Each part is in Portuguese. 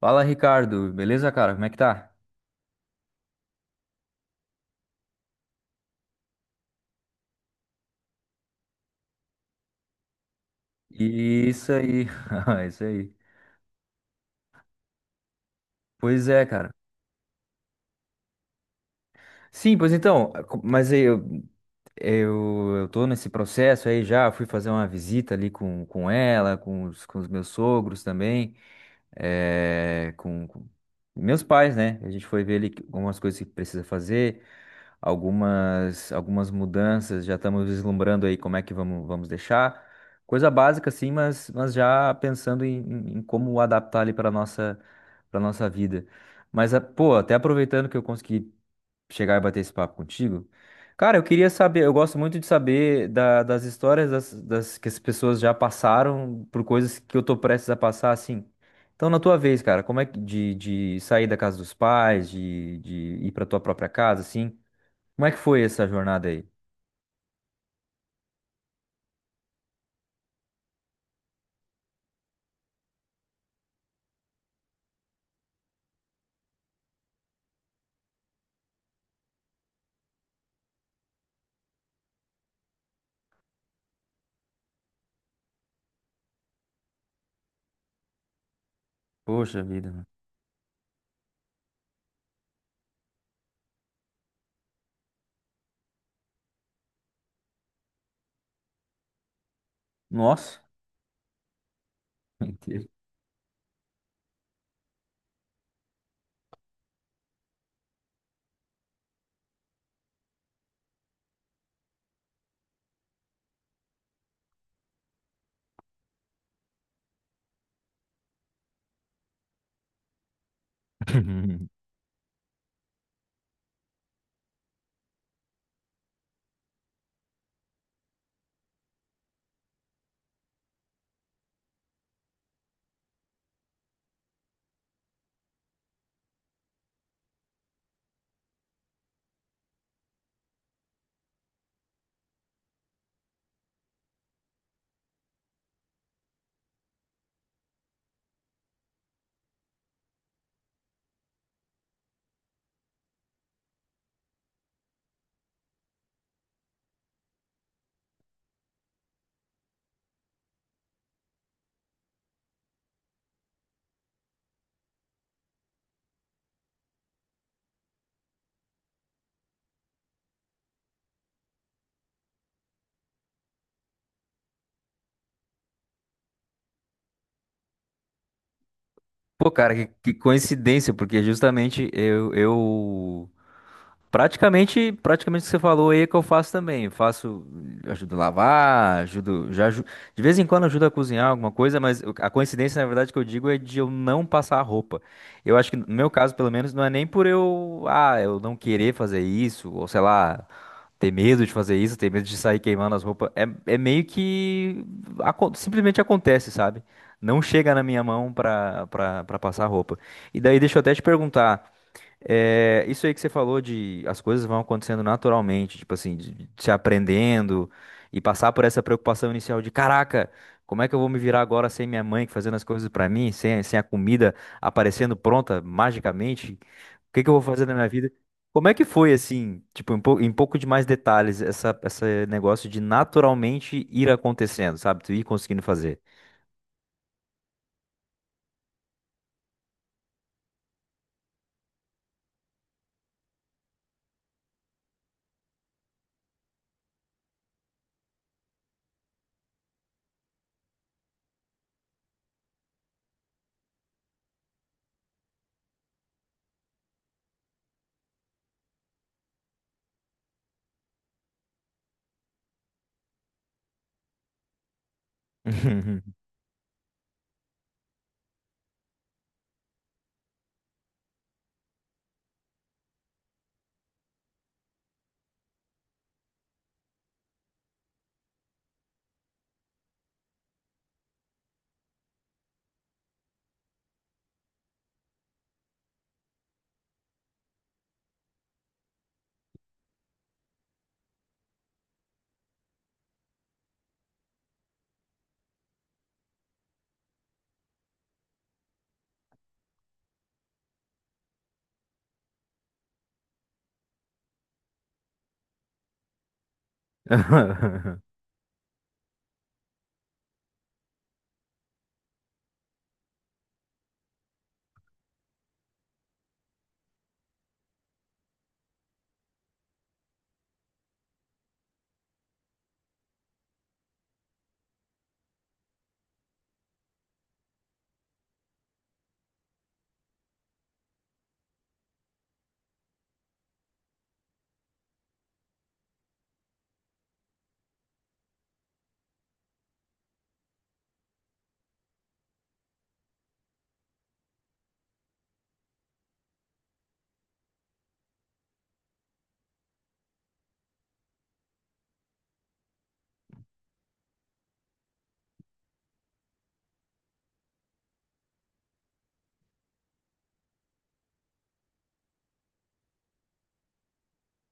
Fala, Ricardo. Beleza, cara? Como é que tá? Isso aí. Isso aí. Pois é, cara. Sim, pois então, mas aí eu tô nesse processo aí já, fui fazer uma visita ali com ela, com os meus sogros também. Com meus pais, né? A gente foi ver ali algumas coisas que precisa fazer, algumas mudanças, já estamos vislumbrando aí como é que vamos deixar. Coisa básica, assim, mas já pensando em como adaptar ali para para nossa vida. Mas, pô, até aproveitando que eu consegui chegar e bater esse papo contigo. Cara, eu queria saber, eu gosto muito de saber das histórias que as pessoas já passaram por coisas que eu tô prestes a passar, assim. Então, na tua vez, cara, como é que de sair da casa dos pais, de ir pra tua própria casa, assim, como é que foi essa jornada aí? Poxa vida, mano. Nossa, Pô, cara, que coincidência, porque justamente eu praticamente o que você falou aí é que eu faço também. Eu faço, ajudo a lavar, de vez em quando ajudo a cozinhar alguma coisa, mas a coincidência, na verdade, que eu digo é de eu não passar a roupa. Eu acho que no meu caso, pelo menos, não é nem por eu, ah, eu não querer fazer isso, ou sei lá, ter medo de fazer isso, ter medo de sair queimando as roupas. É, é meio que simplesmente acontece, sabe? Não chega na minha mão pra passar a roupa. E daí deixa eu até te perguntar. É, isso aí que você falou de as coisas vão acontecendo naturalmente, tipo assim, de se aprendendo e passar por essa preocupação inicial de caraca, como é que eu vou me virar agora sem minha mãe fazendo as coisas pra mim, sem, sem a comida aparecendo pronta magicamente? O que que eu vou fazer na minha vida? Como é que foi assim, tipo, em pouco de mais detalhes, esse negócio de naturalmente ir acontecendo, sabe? Tu ir conseguindo fazer.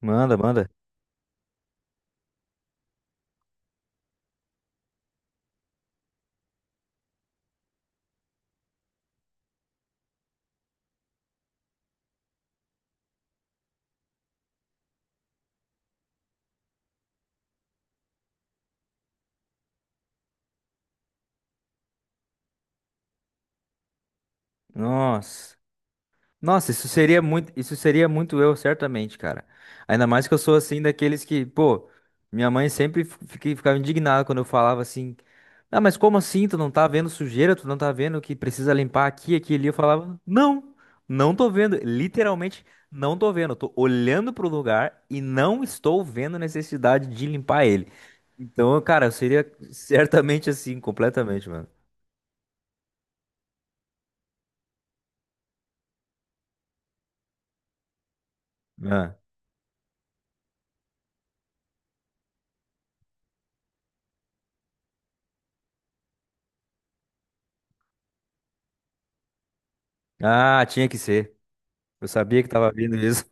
Manda, manda. Nossa. Nossa, isso seria muito eu, certamente, cara. Ainda mais que eu sou assim daqueles que, pô, minha mãe sempre ficava indignada quando eu falava assim: "Ah, mas como assim? Tu não tá vendo sujeira? Tu não tá vendo que precisa limpar aqui, aqui, e ali?" Eu falava: "Não, não tô vendo, literalmente não tô vendo. Eu tô olhando pro lugar e não estou vendo necessidade de limpar ele." Então, cara, eu seria certamente assim, completamente, mano. Ah, Ah, tinha que ser. Eu sabia que tava vindo isso.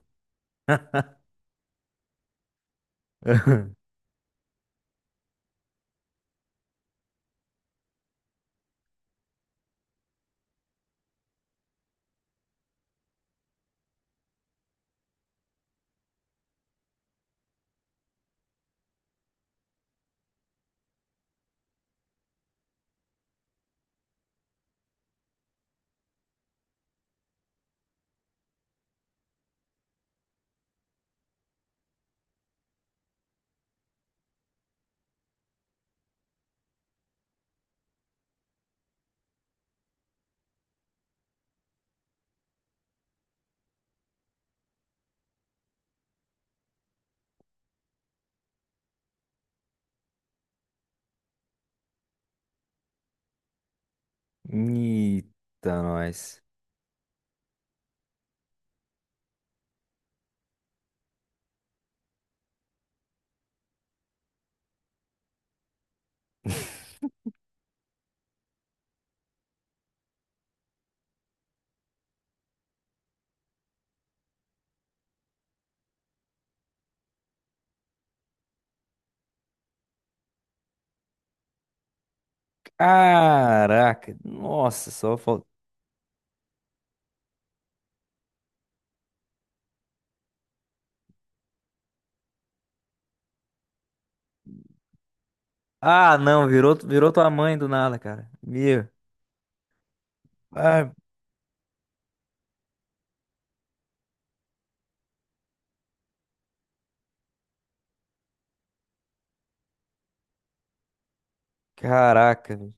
Eita, nós. Caraca, nossa, só falta. Ah, não, virou tua mãe do nada, cara. Meu, ah, caraca. Velho.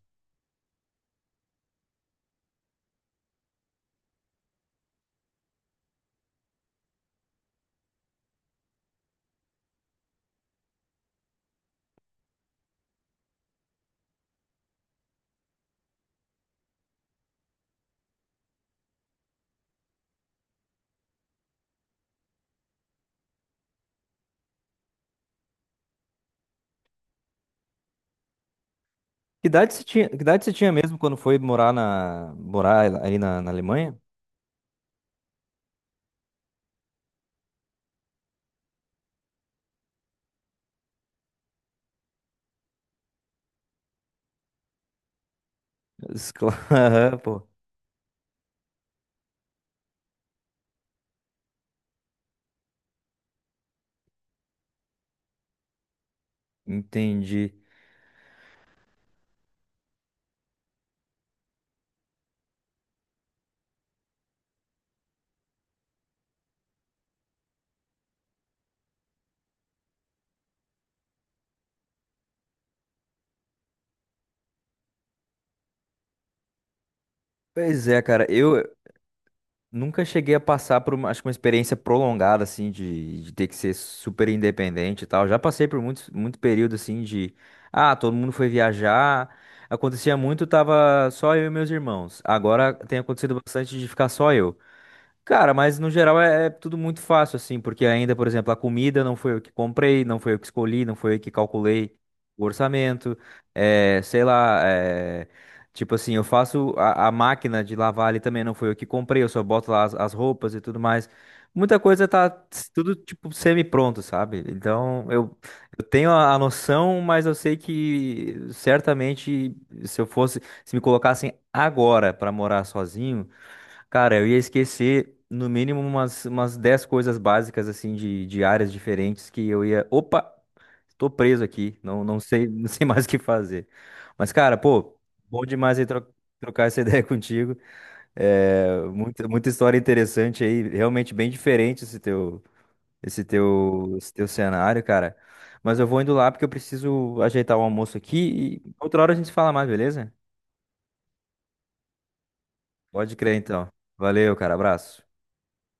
Que idade você tinha, que idade você tinha mesmo quando foi morar na, morar ali na Alemanha? Escola- Aham, pô, entendi. Pois é, cara, eu, nunca cheguei a passar por uma, acho que uma experiência prolongada, assim, de ter que ser super independente e tal. Já passei por muitos, muito período, assim, de... Ah, todo mundo foi viajar. Acontecia muito, tava só eu e meus irmãos. Agora tem acontecido bastante de ficar só eu. Cara, mas no geral é, é tudo muito fácil, assim, porque ainda, por exemplo, a comida não foi eu que comprei, não foi eu que escolhi, não foi eu que calculei o orçamento, é, sei lá, é, tipo assim, eu faço a máquina de lavar ali também, não foi eu que comprei, eu só boto lá as roupas e tudo mais. Muita coisa tá tudo, tipo, semi-pronto, sabe? Então, eu tenho a noção, mas eu sei que certamente se eu fosse, se me colocassem agora pra morar sozinho. Cara, eu ia esquecer no mínimo umas 10 coisas básicas, assim, de áreas diferentes que eu ia. Opa, tô preso aqui, não, não sei, não sei mais o que fazer. Mas, cara, pô, bom demais aí trocar essa ideia contigo. É, muita, muita história interessante aí, realmente bem diferente esse teu, esse teu cenário, cara. Mas eu vou indo lá porque eu preciso ajeitar o almoço aqui e outra hora a gente fala mais, beleza? Pode crer, então. Valeu, cara, abraço.